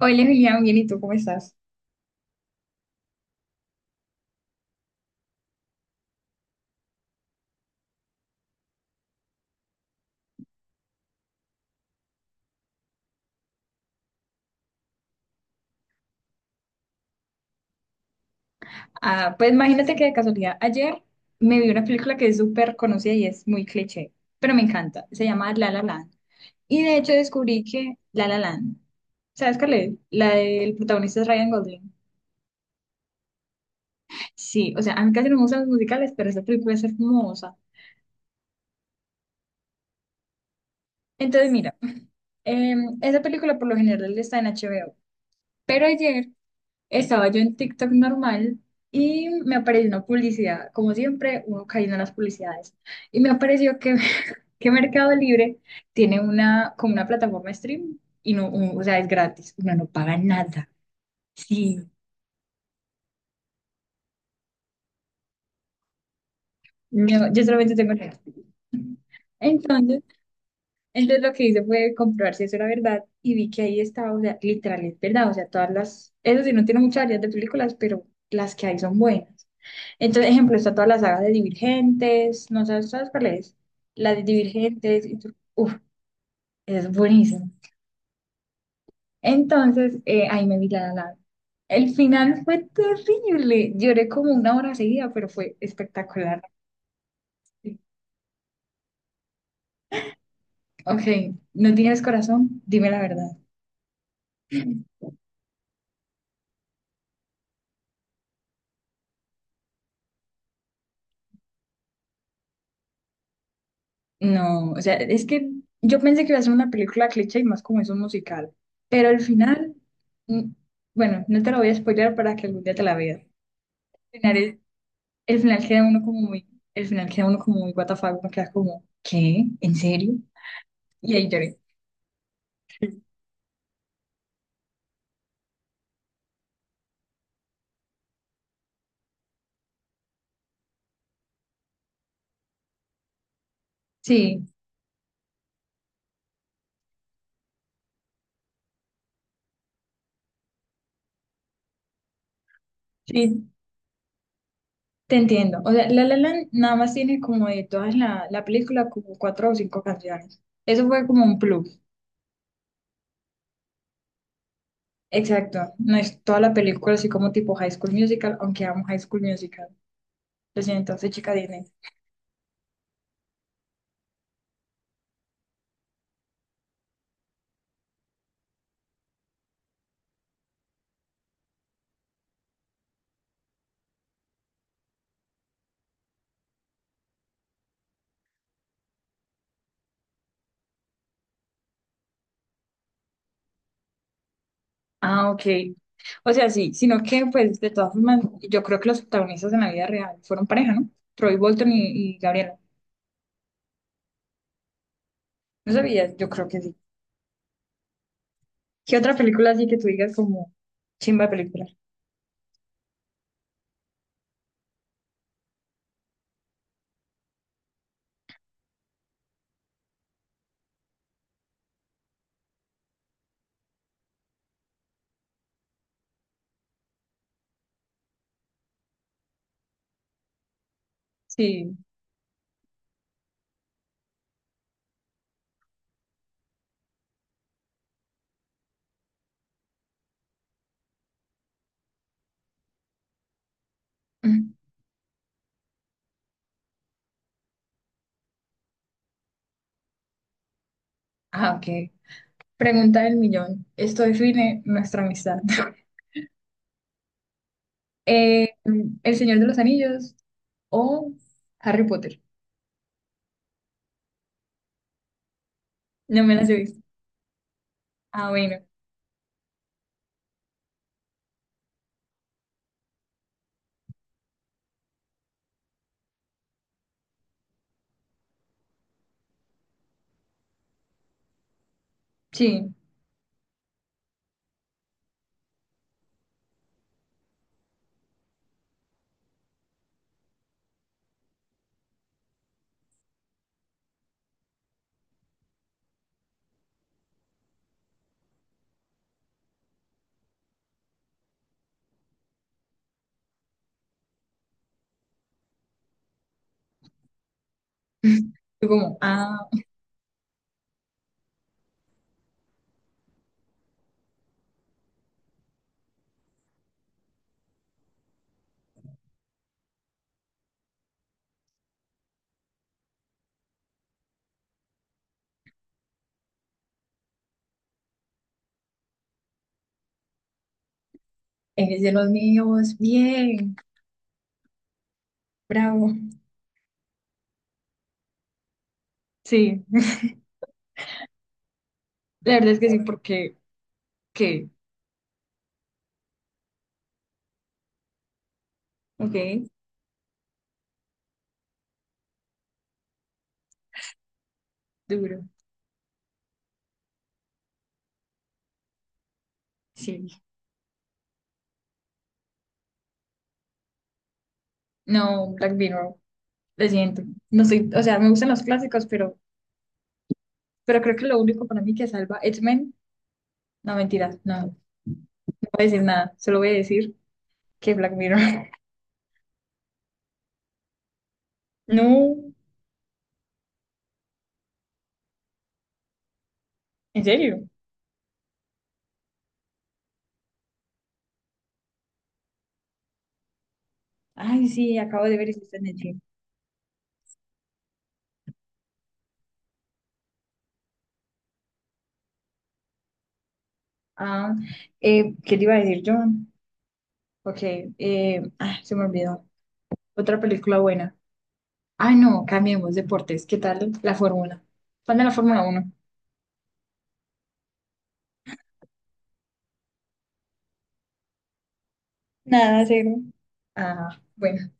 Hola Julián, bien, ¿y tú cómo estás? Ah, pues imagínate que de casualidad ayer me vi una película que es súper conocida y es muy cliché, pero me encanta. Se llama La La Land. Y de hecho descubrí que La La Land, ¿sabes cuál es? La del protagonista es Ryan Gosling. Sí, o sea, a mí casi no me gustan los musicales, pero esa película es hermosa. Entonces, mira, esa película por lo general está en HBO, pero ayer estaba yo en TikTok normal y me apareció una publicidad. Como siempre, uno cayendo en las publicidades. Y me apareció que, que Mercado Libre tiene una, como una plataforma de stream y no, o sea, es gratis. Uno no paga nada. Sí, no, yo solamente tengo Netflix. Entonces, entonces, lo que hice fue comprobar si eso era verdad y vi que ahí estaba, o sea, literal, es verdad. O sea, todas las, eso sí, no tiene muchas variedad de películas, pero las que hay son buenas. Entonces, ejemplo, está toda la saga de Divergentes, no sabes, ¿sabes cuál es? La de Divergentes, y uf, es buenísimo. Entonces, ahí me vi la La Land. El final fue terrible, lloré como una hora seguida, pero fue espectacular. Ok, no tienes corazón, dime la verdad. No, o sea, es que yo pensé que iba a ser una película cliché y más como es un musical, pero al final, mm, bueno, no te lo voy a spoiler para que algún día te la veas. El final queda uno como muy, el final queda uno como muy what the fuck, uno queda como, ¿qué? ¿En serio? Y ahí lloré. Sí, sí, te entiendo. O sea, La La Land nada más tiene como de todas la, la película como cuatro o cinco canciones. Eso fue como un plus. Exacto, no es toda la película así como tipo High School Musical, aunque amo High School Musical. Lo siento, entonces chica Disney. Ah, ok. O sea, sí, sino que pues de todas formas, yo creo que los protagonistas en la vida real fueron pareja, ¿no? Troy Bolton y Gabriela. No sabía, yo creo que sí. ¿Qué otra película así que tú digas como chimba de película? Sí. Mm. Ah, ok. Pregunta del millón. Esto define nuestra amistad. Eh, ¿El Señor de los Anillos o Harry Potter? No me las he visto. Ah, bueno. Sí. Tú como, ah, eres de los míos. Bien. Bravo. Sí. La verdad es que sí, porque, ¿qué? Ok. Duro. Sí. No, Black Mirror. Lo siento. No soy, o sea, me gustan los clásicos, pero creo que lo único para mí que salva X-Men, no mentiras, no voy a decir nada, solo voy a decir que Black Mirror. No, en serio. Ay, sí, acabo de ver y sí está en Netflix. Ah, ¿qué te iba a decir, John? Ok, ah, se me olvidó. Otra película buena. Ay, no, cambiemos deportes. ¿Qué tal la Fórmula? ¿Cuándo la Fórmula Uno nada, cero. Ah, bueno.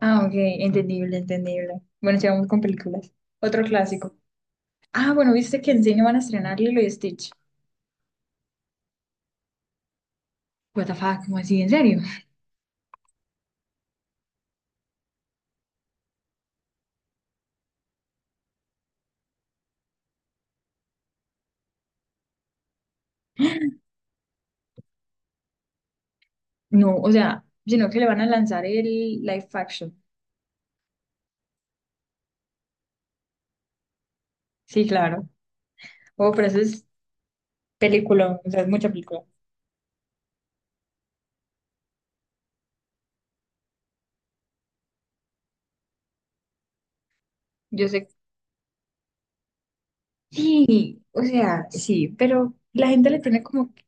Ah, ok, entendible, entendible. Bueno, sigamos con películas. Otro clásico. Ah, bueno, viste que en cine van a estrenar Lilo y Stitch. What the fuck, ¿cómo así? ¿En serio? No, o sea, sino que le van a lanzar el live action. Sí, claro. Oh, pero eso es película, o sea, es mucha película. Yo sé. Sí, o sea, sí, pero la gente le pone como que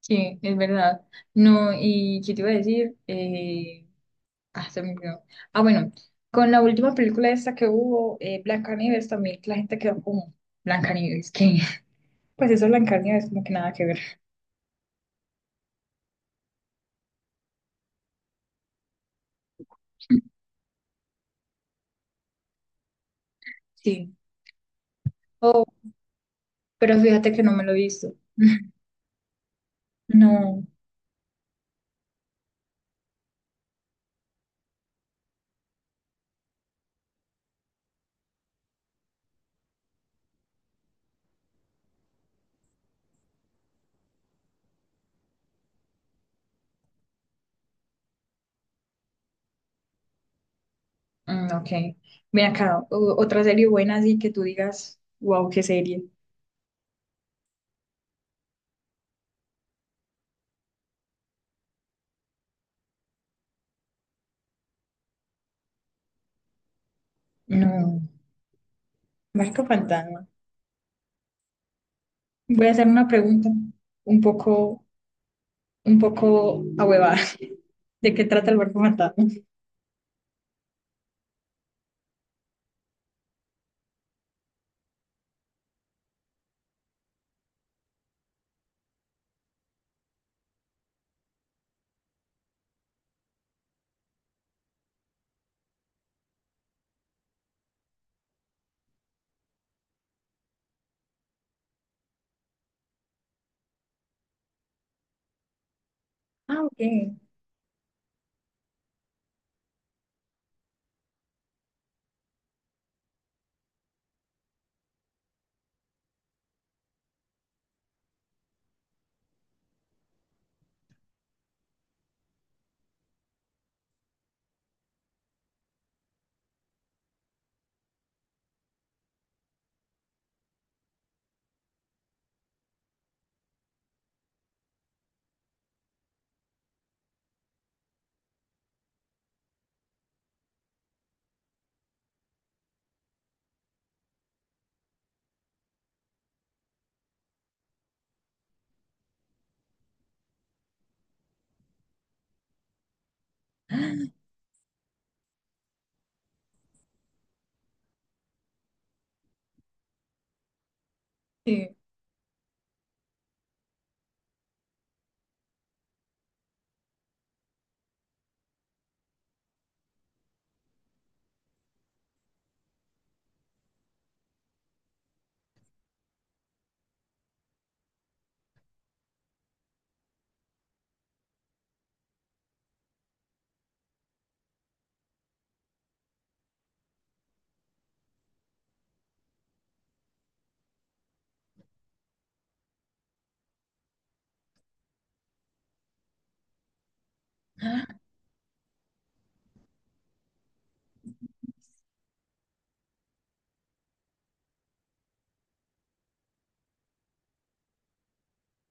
sí, es verdad. No, y ¿qué te iba a decir? Ah, se me olvidó. Ah, bueno, con la última película esta que hubo, Blancanieves, también la gente quedó como Blancanieves, ¿qué? Pues eso Blancanieves como que nada que ver. Sí. Oh, pero fíjate que no me lo he visto. No. Ok. Mira acá, otra serie buena así que tú digas, wow, qué serie. No, barco Fantasma. Voy a hacer una pregunta un poco, un poco ahuevada. ¿De qué trata el Barco Fantasma? Ah, ok. Sí.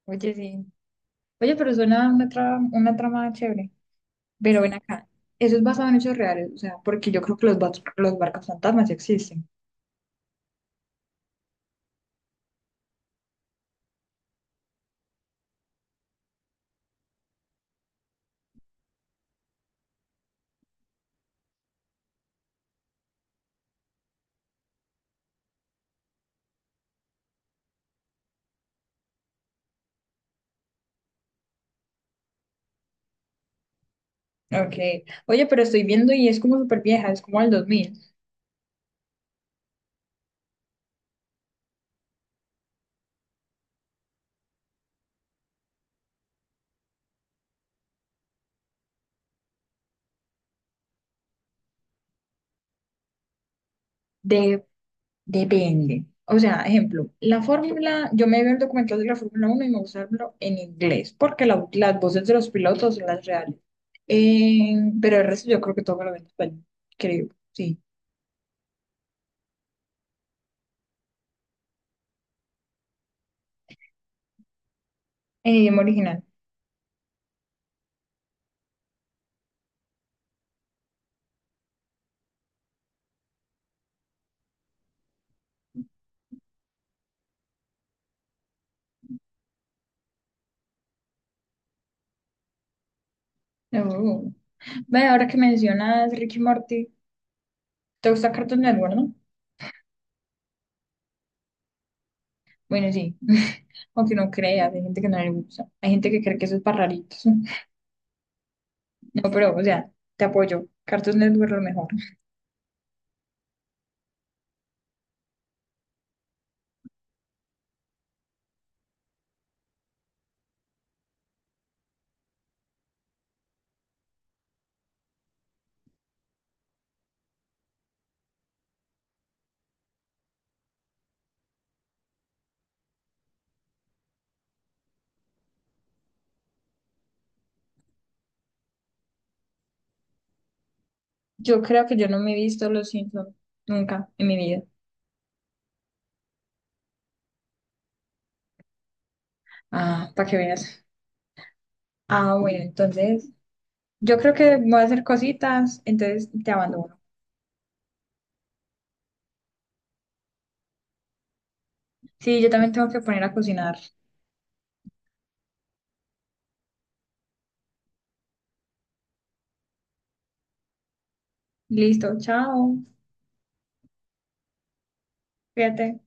Oye, sí. Oye, pero suena una trama chévere. Pero ven acá. Eso es basado en hechos reales, o sea, porque yo creo que los, los barcos fantasmas sí existen. Ok. Oye, pero estoy viendo y es como súper vieja, es como del 2000 De depende. O sea, ejemplo, la fórmula, yo me vi el documental de la Fórmula uno y me gusta verlo en inglés, porque las voces de los pilotos son las reales. Eh, pero el resto yo creo que todo me lo ven en español, creo, sí, en idioma original. Oh. Ve, ahora que mencionas Ricky Morty, ¿te gusta Cartoon Network, no? Bueno, sí, aunque no creas, hay gente que no le gusta, hay gente que cree que eso es para raritos. No, pero, o sea, te apoyo, Cartoon Network lo mejor. Yo creo que yo no me he visto Los Simpsons nunca en mi vida. Ah, para que veas. Ah, bueno, entonces yo creo que voy a hacer cositas, entonces te abandono. Sí, yo también tengo que poner a cocinar. Listo, chao, fíjate.